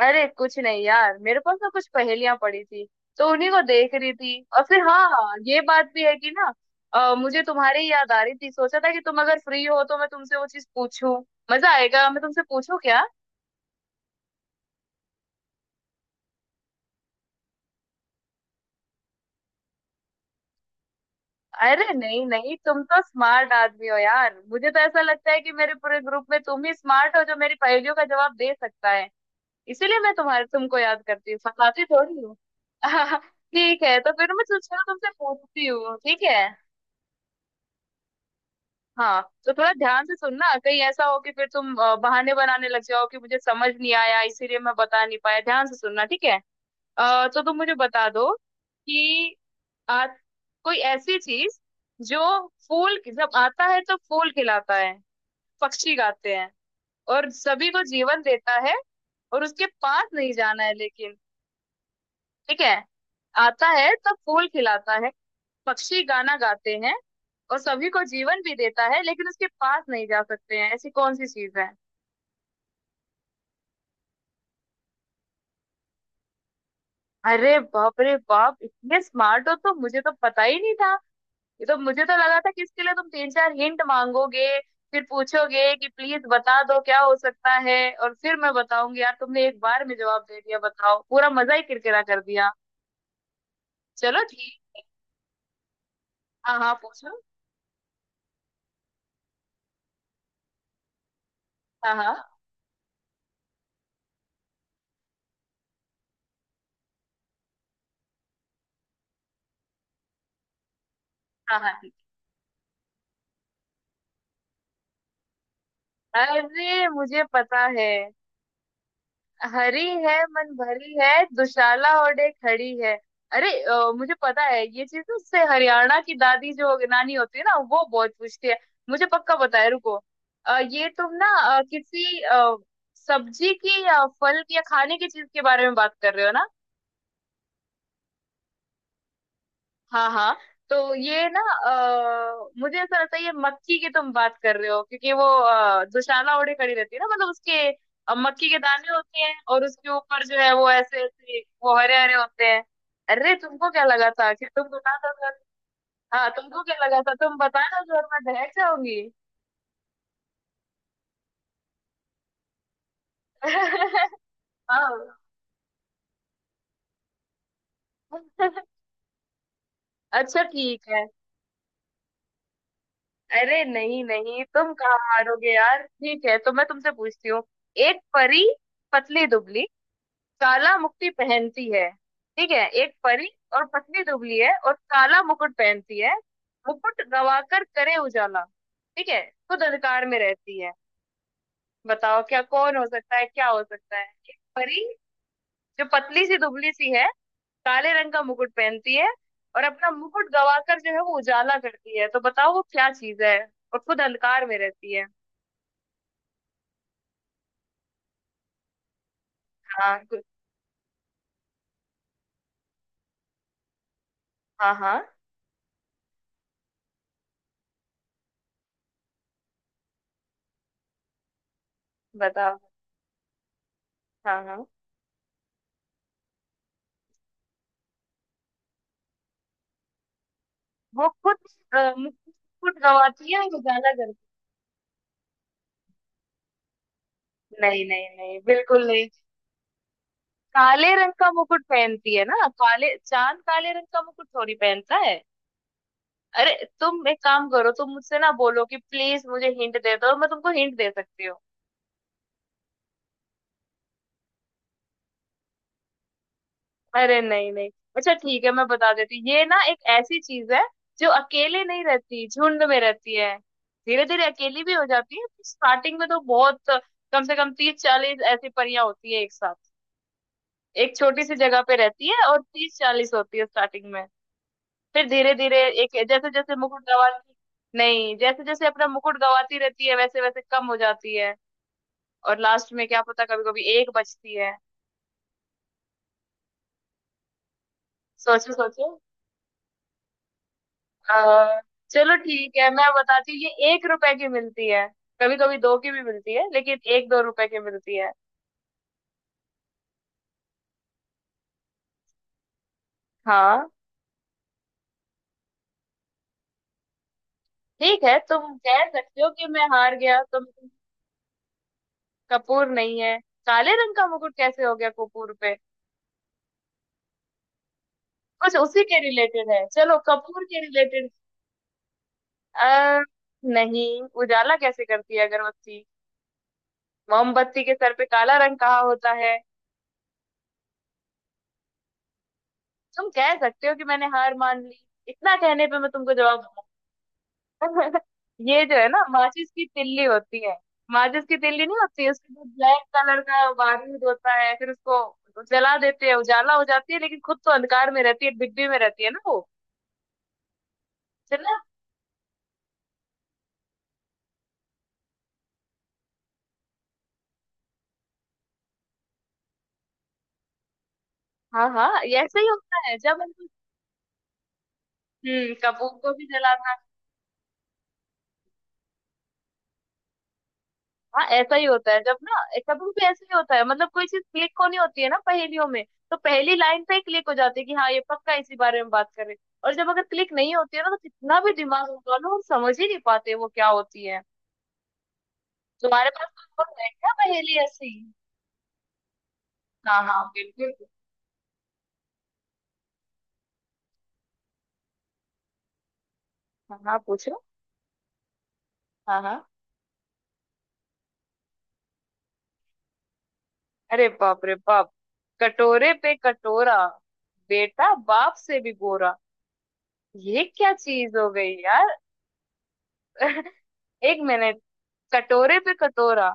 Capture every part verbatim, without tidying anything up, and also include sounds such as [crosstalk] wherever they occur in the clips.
अरे कुछ नहीं यार, मेरे पास ना कुछ पहेलियां पड़ी थी तो उन्हीं को देख रही थी। और फिर हाँ, ये बात भी है कि ना अ, मुझे तुम्हारी याद आ रही थी। सोचा था कि तुम अगर फ्री हो तो मैं तुमसे वो चीज पूछूं। मजा आएगा, मैं तुमसे पूछूं क्या। अरे नहीं नहीं, तुम तो स्मार्ट आदमी हो यार, मुझे तो ऐसा लगता है कि मेरे पूरे ग्रुप में तुम ही स्मार्ट हो जो मेरी पहेलियों का जवाब दे सकता है। इसीलिए मैं तुम्हारे तुमको याद करती हूँ, फंसाती थोड़ी हूँ। [laughs] ठीक है, तो फिर मैं तुमसे तुमसे पूछती हूँ, ठीक है। हाँ तो थोड़ा ध्यान से सुनना, कहीं ऐसा हो कि फिर तुम अ, बहाने बनाने लग जाओ कि मुझे समझ नहीं आया इसीलिए मैं बता नहीं पाया। ध्यान से सुनना, ठीक है। अ, तो तुम मुझे बता दो कि आ, कोई ऐसी चीज जो फूल जब आता है तो फूल खिलाता है, पक्षी गाते हैं, और सभी को जीवन देता है, और उसके पास नहीं जाना है लेकिन ठीक है। आता है तब फूल खिलाता है, पक्षी गाना गाते हैं और सभी को जीवन भी देता है, लेकिन उसके पास नहीं जा सकते हैं। ऐसी कौन सी चीज है। अरे बाप रे बाप, इतने स्मार्ट हो तो मुझे तो पता ही नहीं था। ये तो मुझे तो लगा था कि इसके लिए तुम तीन चार हिंट मांगोगे, फिर पूछोगे कि प्लीज बता दो क्या हो सकता है, और फिर मैं बताऊंगी। यार तुमने एक बार में जवाब दे दिया, बताओ, पूरा मजा ही किरकिरा कर दिया। चलो ठीक। हाँ हाँ पूछो। हाँ हाँ। हाँ हाँ ठीक। अरे मुझे पता है। हरी है मन भरी है, दुशाला ओढ़े खड़ी है। अरे अ, मुझे पता है, ये चीज ना उससे हरियाणा की दादी जो नानी होती है ना वो बहुत पूछती है। मुझे पक्का पता है, रुको। अ, ये तुम ना अ, किसी अ, सब्जी की या फल की या खाने की चीज के बारे में बात कर रहे हो ना। हाँ हाँ। तो ये ना अ, मुझे ऐसा लगता है ये मक्की की तुम बात कर रहे हो, क्योंकि वो अ, दुशाला ओढ़े खड़ी रहती है ना, मतलब उसके अ, मक्की के दाने होते हैं और उसके ऊपर जो है वो ऐसे ऐसे वो हरे हरे होते हैं। अरे तुमको क्या लगा था कि तुम बता दो अगर- हाँ तुमको क्या लगा था, तुम बता दो और मैं बहक जाऊंगी। [laughs] हाँ। [laughs] अच्छा ठीक है। अरे नहीं नहीं, तुम कहाँ हारोगे यार। ठीक है, तो मैं तुमसे पूछती हूँ। एक परी, पतली दुबली, काला मुकुट पहनती है। ठीक है, एक परी, और पतली दुबली है और काला मुकुट पहनती है, मुकुट गवाकर करे उजाला, ठीक है, खुद अंधकार में रहती है। बताओ क्या, कौन हो सकता है, क्या हो सकता है। एक परी जो पतली सी दुबली सी है, काले रंग का मुकुट पहनती है, और अपना मुकुट गवाकर जो है वो उजाला करती है, तो बताओ वो क्या चीज है। और खुद अंधकार में रहती है। हाँ गु- हाँ हाँ। बताओ। हाँ हाँ। वो खुद अ, मुकुट गवाती है और उजाला। नहीं नहीं नहीं, बिल्कुल नहीं। काले रंग का मुकुट पहनती है ना, काले, चांद काले रंग का मुकुट थोड़ी पहनता है। अरे तुम एक काम करो, तुम मुझसे ना बोलो कि प्लीज मुझे हिंट दे दो, मैं तुमको हिंट दे सकती हूँ। अरे नहीं नहीं। अच्छा ठीक है, मैं बता देती हूँ। ये ना एक ऐसी चीज है जो अकेले नहीं रहती, झुंड में रहती है। धीरे धीरे अकेली भी हो जाती है, स्टार्टिंग में तो बहुत, कम से कम तीस चालीस ऐसी परियां होती है एक साथ, एक छोटी सी जगह पे रहती है, और तीस चालीस होती है स्टार्टिंग में। फिर धीरे धीरे एक, जैसे जैसे मुकुट गवाती, नहीं, जैसे जैसे अपना मुकुट गवाती रहती है वैसे वैसे कम हो जाती है, और लास्ट में क्या पता, कभी कभी एक बचती है। सोचो सोचो। आ, चलो ठीक है, मैं बताती हूँ, ये एक रुपए की मिलती है। कभी कभी दो की भी मिलती है, लेकिन एक दो रुपए की मिलती है। हाँ। ठीक है, तुम कह सकते हो कि मैं हार गया तुम। कपूर नहीं है। काले रंग का मुकुट कैसे हो गया कपूर पे। कुछ उसी के रिलेटेड है, चलो कपूर के रिलेटेड। आ, नहीं उजाला कैसे करती है अगरबत्ती। मोमबत्ती के सर पे काला रंग कहा होता है। तुम कह सकते हो कि मैंने हार मान ली। इतना कहने पे मैं तुमको जवाब दूंगा। [laughs] ये जो है ना माचिस की तिल्ली होती है, माचिस की तिल्ली नहीं होती, उसके बाद ब्लैक कलर का बारूद होता है, फिर उसको जला देते हैं, उजाला हो जाती है, लेकिन खुद तो अंधकार में रहती है, डिब्बी में रहती है ना वो। चला। हाँ हाँ ये ऐसे ही होता है जब हम, हम्म कपूर को भी जलाते। हाँ ऐसा ही होता है, जब ना, कभी भी ऐसा ही होता है, मतलब कोई चीज क्लिक होनी होती है ना पहेलियों में, तो पहली लाइन पे क्लिक हो जाती है कि हाँ ये पक्का इसी बारे में बात कर रहे हैं। और जब अगर क्लिक नहीं होती है ना, तो कितना भी दिमाग लगा लो हम समझ ही नहीं पाते वो क्या होती है। तुम्हारे पास कोई और है क्या पहेली ऐसी। हाँ हाँ बिल्कुल। हाँ हाँ पूछो। हाँ हाँ। अरे बाप रे बाप। कटोरे पे कटोरा, बेटा बाप से भी गोरा। ये क्या चीज हो गई यार। [laughs] एक मिनट, कटोरे पे कटोरा,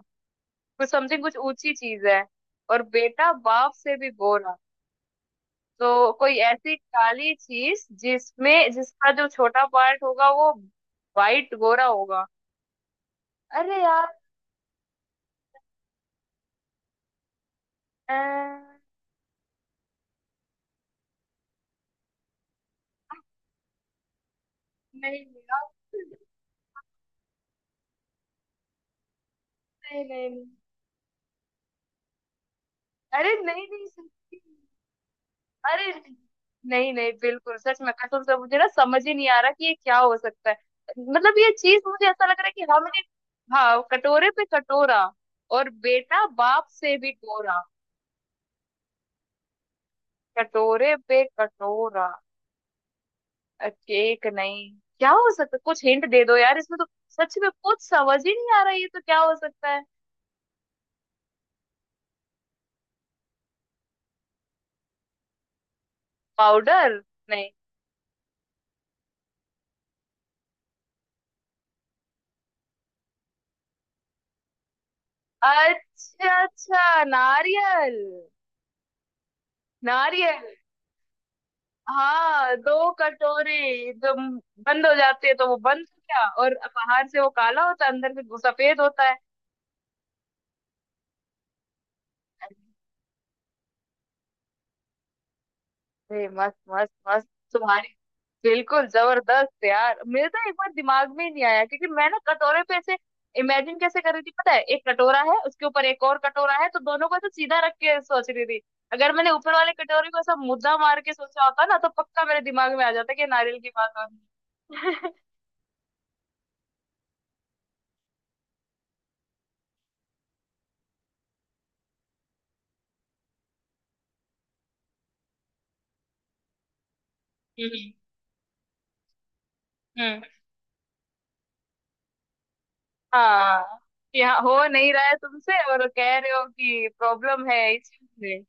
कुछ समथिंग, कुछ ऊंची चीज है, और बेटा बाप से भी गोरा, तो कोई ऐसी काली चीज जिसमें जिसका जो छोटा पार्ट होगा वो वाइट गोरा होगा। अरे यार। अ, नहीं मेरा। नहीं नहीं नहीं। अरे नहीं नहीं सच्ची। अरे नहीं नहीं, बिल्कुल सच में, कसम से मुझे ना समझ ही नहीं आ रहा कि ये क्या हो सकता है। मतलब ये चीज मुझे ऐसा लग रहा है कि हाँ मैंने। हाँ, कटोरे पे कटोरा, और बेटा बाप से भी गोरा। कटोरे पे कटोरा, अ, केक नहीं। क्या हो सकता, कुछ हिंट दे दो यार, इसमें तो सच में कुछ समझ ही नहीं आ रहा है। ये तो क्या हो सकता है। पाउडर। नहीं। अच्छा अच्छा नारियल। नारियल। हाँ, दो कटोरे जो म- बंद हो जाते हैं, तो वो बंद हो गया, और बाहर से वो काला होता है, अंदर से वो सफेद होता है। अरे मस्त मस्त मस्त। तुम्हारी, बिल्कुल जबरदस्त यार, मेरे तो एक बार दिमाग में ही नहीं आया क्योंकि मैं ना कटोरे पे ऐसे इमेजिन कैसे कर रही थी, पता है, एक कटोरा है उसके ऊपर एक और कटोरा है, तो दोनों को ऐसे सीधा रख के सोच रही थी। अगर मैंने ऊपर वाले कटोरे को ऐसा मुद्दा मार के सोचा होता ना तो पक्का मेरे दिमाग में आ जाता कि नारियल की बात हो रही है। हम्म। हम्म। हाँ। यहाँ हो नहीं रहा है तुमसे और कह रहे हो कि प्रॉब्लम है इस चीज में।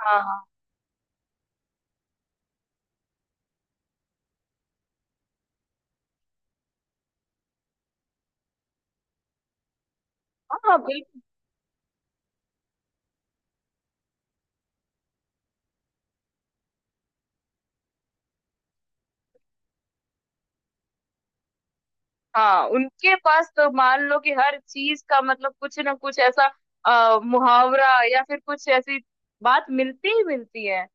हाँ हाँ। हाँ, बिल्कुल। हाँ, उनके पास तो मान लो कि हर चीज का मतलब कुछ ना कुछ ऐसा अ, मुहावरा या फिर कुछ ऐसी बात मिलती ही मिलती है।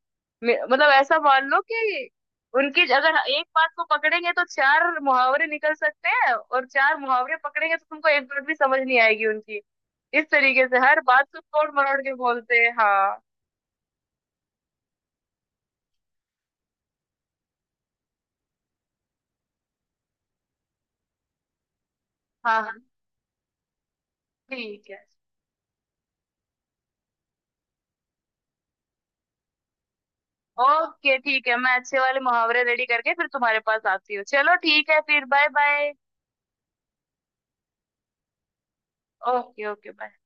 मे- मतलब ऐसा मान लो कि उनकी अगर एक बात को पकड़ेंगे तो चार मुहावरे निकल सकते हैं, और चार मुहावरे पकड़ेंगे तो तुमको एक बात भी समझ नहीं आएगी उनकी। इस तरीके से हर बात को तोड़ मरोड़ के बोलते हैं। हाँ। हाँ हाँ, ठीक है। ओके ठीक है, मैं अच्छे वाले मुहावरे रेडी करके फिर तुम्हारे पास आती हूँ, चलो ठीक है, फिर bye bye. Okay okay bye.